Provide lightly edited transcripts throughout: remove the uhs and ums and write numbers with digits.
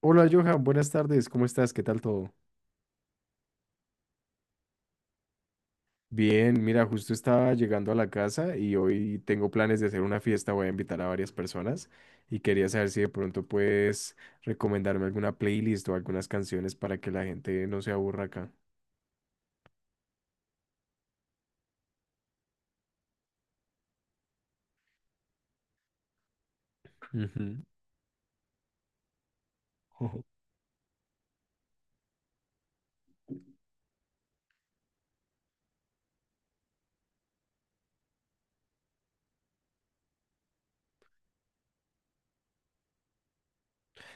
Hola Johan, buenas tardes, ¿cómo estás? ¿Qué tal todo? Bien, mira, justo estaba llegando a la casa y hoy tengo planes de hacer una fiesta, voy a invitar a varias personas y quería saber si de pronto puedes recomendarme alguna playlist o algunas canciones para que la gente no se aburra acá. Ujú.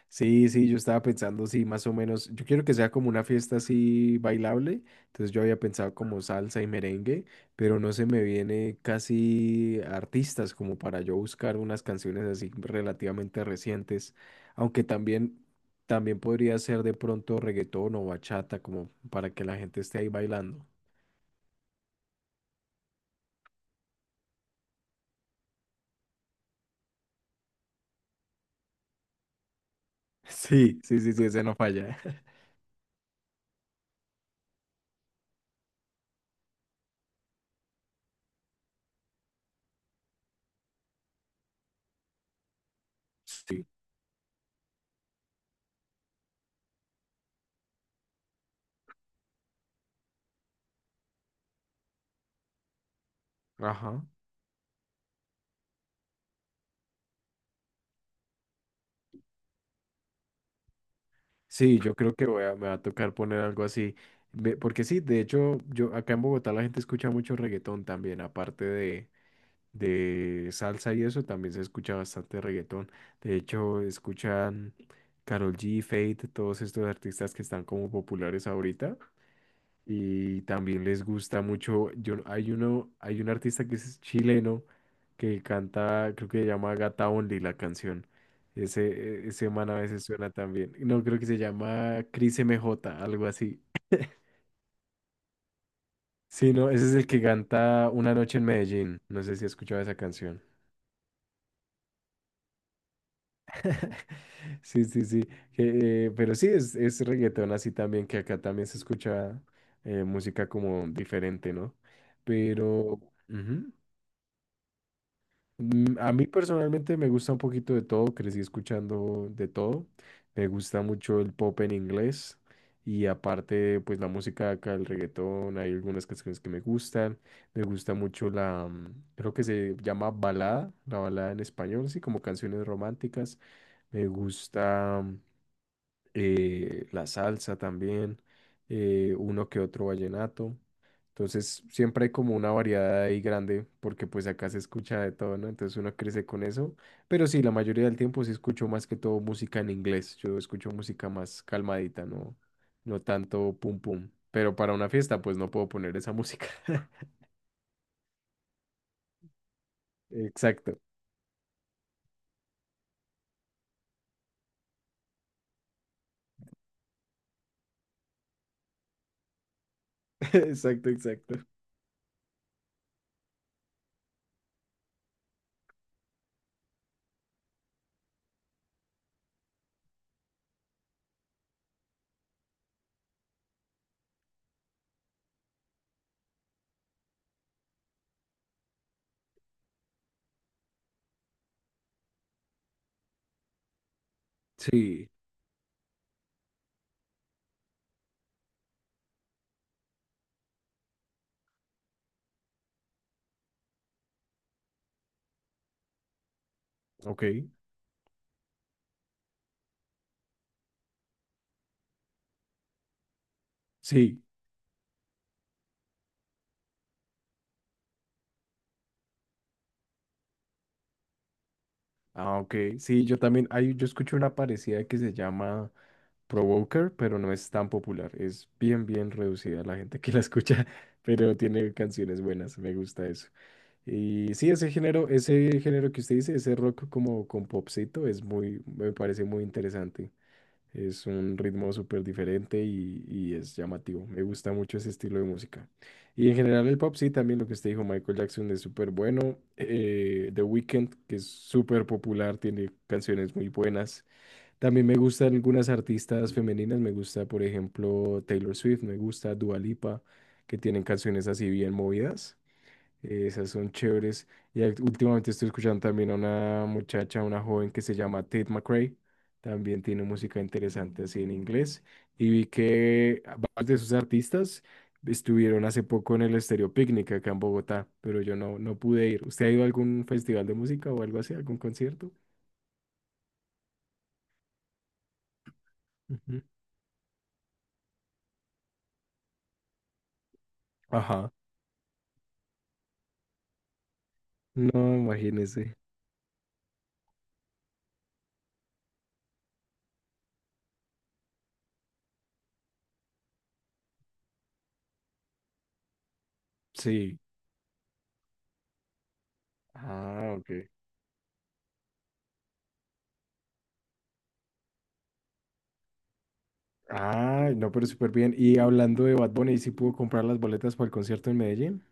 Sí, sí, yo estaba pensando, sí, más o menos. Yo quiero que sea como una fiesta así bailable. Entonces yo había pensado como salsa y merengue, pero no se me viene casi artistas como para yo buscar unas canciones así relativamente recientes. Aunque también, también podría ser de pronto reggaetón o bachata, como para que la gente esté ahí bailando. Sí, sí, sí, sí, ese no falla. Sí. Ajá. Sí, yo creo que voy a, me va a tocar poner algo así. Porque sí, de hecho, yo acá en Bogotá la gente escucha mucho reggaetón también, aparte de salsa y eso, también se escucha bastante reggaetón. De hecho, escuchan Karol G, Fate, todos estos artistas que están como populares ahorita y también les gusta mucho. Yo, hay uno, hay un artista que es chileno que canta, creo que se llama Gata Only la canción. Ese, ese man a veces suena también. No, creo que se llama Cris M J algo así. Sí, no, ese es el que canta Una noche en Medellín. No sé si has escuchado esa canción. Sí, sí, sí. Que, pero sí, es reggaetón así también, que acá también se escucha música como diferente, ¿no? Pero... ujú. A mí personalmente me gusta un poquito de todo, crecí escuchando de todo. Me gusta mucho el pop en inglés y aparte pues la música acá, el reggaetón, hay algunas canciones que me gustan. Me gusta mucho la, creo que se llama balada, la balada en español, sí, como canciones románticas. Me gusta la salsa también, uno que otro vallenato. Entonces siempre hay como una variedad ahí grande porque pues acá se escucha de todo, ¿no? Entonces uno crece con eso. Pero sí, la mayoría del tiempo sí escucho más que todo música en inglés. Yo escucho música más calmadita, no, no tanto pum pum. Pero para una fiesta pues no puedo poner esa música. Exacto, exacto, exacto. Sí, ok, sí, ah, ok, sí, yo también, hay, yo escucho una parecida que se llama Provoker, pero no es tan popular. Es bien, bien reducida la gente que la escucha, pero tiene canciones buenas, me gusta eso. Y sí, ese género que usted dice, ese rock como con popcito, es muy, me parece muy interesante. Es un ritmo súper diferente y es llamativo. Me gusta mucho ese estilo de música. Y en general el pop, sí, también lo que usted dijo, Michael Jackson es súper bueno. The Weeknd, que es súper popular, tiene canciones muy buenas. También me gustan algunas artistas femeninas, me gusta, por ejemplo, Taylor Swift, me gusta Dua Lipa, que tienen canciones así bien movidas. Esas son chéveres. Y últimamente estoy escuchando también a una muchacha, una joven que se llama Tate McRae. También tiene música interesante así en inglés. Y vi que varios de sus artistas estuvieron hace poco en el Estéreo Picnic acá en Bogotá, pero yo no, no pude ir. ¿Usted ha ido a algún festival de música o algo así, algún concierto? Ujú. Ajá. No, imagínese. Sí. Ah, ok. Ah, no, pero súper bien. Y hablando de Bad Bunny, ¿sí pudo comprar las boletas para el concierto en Medellín?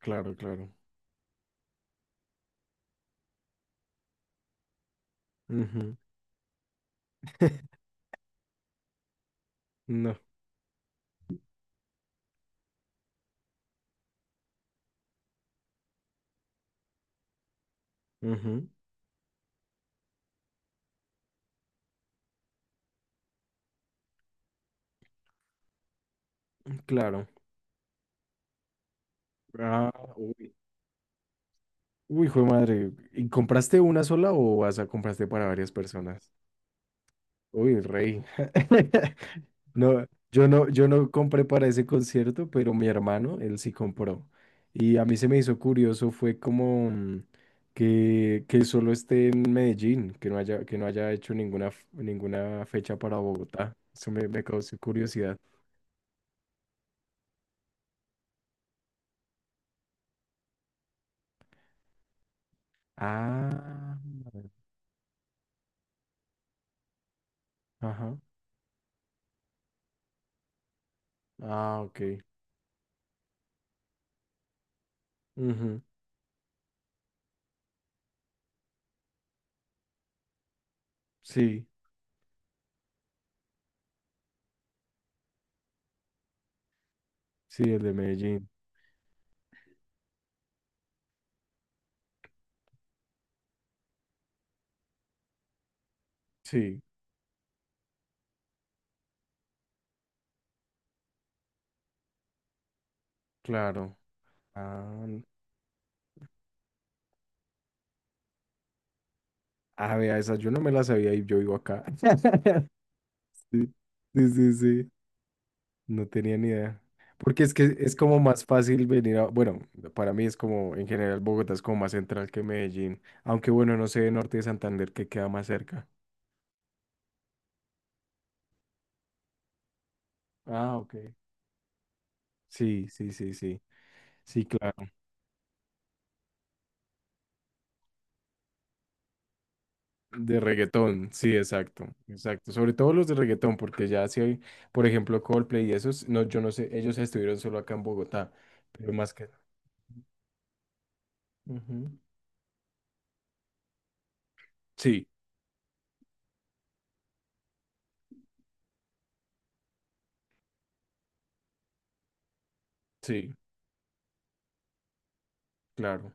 Claro, claro. Ujú. No. Ujú. Claro. Ah, uy. Uy, hijo de madre. ¿Y compraste una sola o vas a compraste para varias personas? Uy, rey. No, yo no, yo no compré para ese concierto, pero mi hermano, él sí compró. Y a mí se me hizo curioso, fue como que solo esté en Medellín, que no haya hecho ninguna, ninguna fecha para Bogotá. Eso me, me causó curiosidad. Ah, ajá. Ah, ok. Ujú. Sí, sí, el de Medellín. Sí, claro. Ah, a ver, esa yo no me la sabía y yo vivo acá. Sí, sí, sí, sí. No tenía ni idea. Porque es que es como más fácil venir a, bueno, para mí es como, en general, Bogotá es como más central que Medellín. Aunque bueno, no sé, Norte de Santander, que queda más cerca. Ah, ok. Sí, sí, sí, sí. Sí, claro. De reggaetón, sí, exacto, exacto. Sobre todo los de reggaetón, porque ya si hay, por ejemplo, Coldplay y esos, no, yo no sé, ellos estuvieron solo acá en Bogotá, pero más que... Ujú. Sí, sí, claro.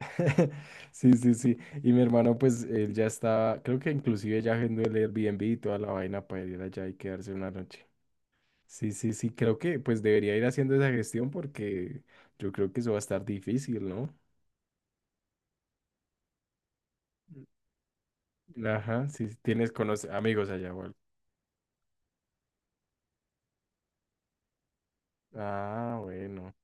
Sí, sí, sí. Y mi hermano, pues, él ya estaba, creo que inclusive ya agendó el Airbnb y toda la vaina para ir allá y quedarse una noche. Sí, sí, sí, creo que pues debería ir haciendo esa gestión porque yo creo que eso va a estar difícil, ¿no? Ajá, si tienes conoce amigos allá, o algo. Ah, bueno.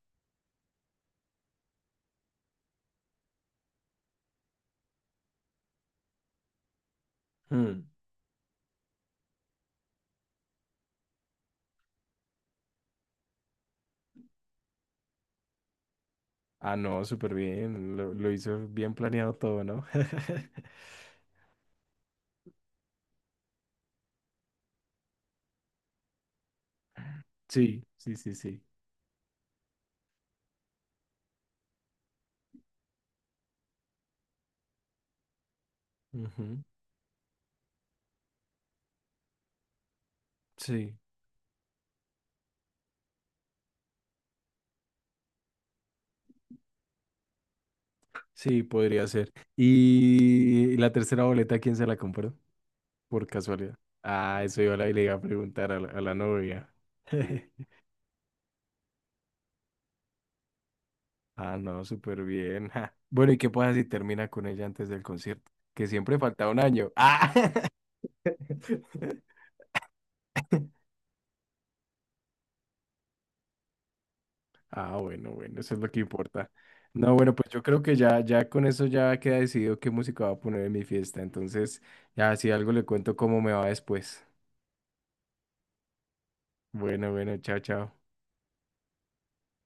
Hmm. Ah, no, súper bien. Lo hizo bien planeado todo, ¿no? Sí, sí, sí, sí. Ujú. Sí, sí, podría ser. ¿Y la tercera boleta, quién se la compró? Por casualidad. Ah, eso yo a la, le iba a preguntar a la novia. Ah, no, súper bien. Ja. Bueno, ¿y qué pasa si termina con ella antes del concierto? Que siempre falta un año. Ah, ah, bueno, bueno, eso es lo que importa. No, bueno, pues yo creo que ya, ya con eso ya queda decidido qué música va a poner en mi fiesta. Entonces, ya si algo le cuento cómo me va después. Bueno, bueno, chao, chao.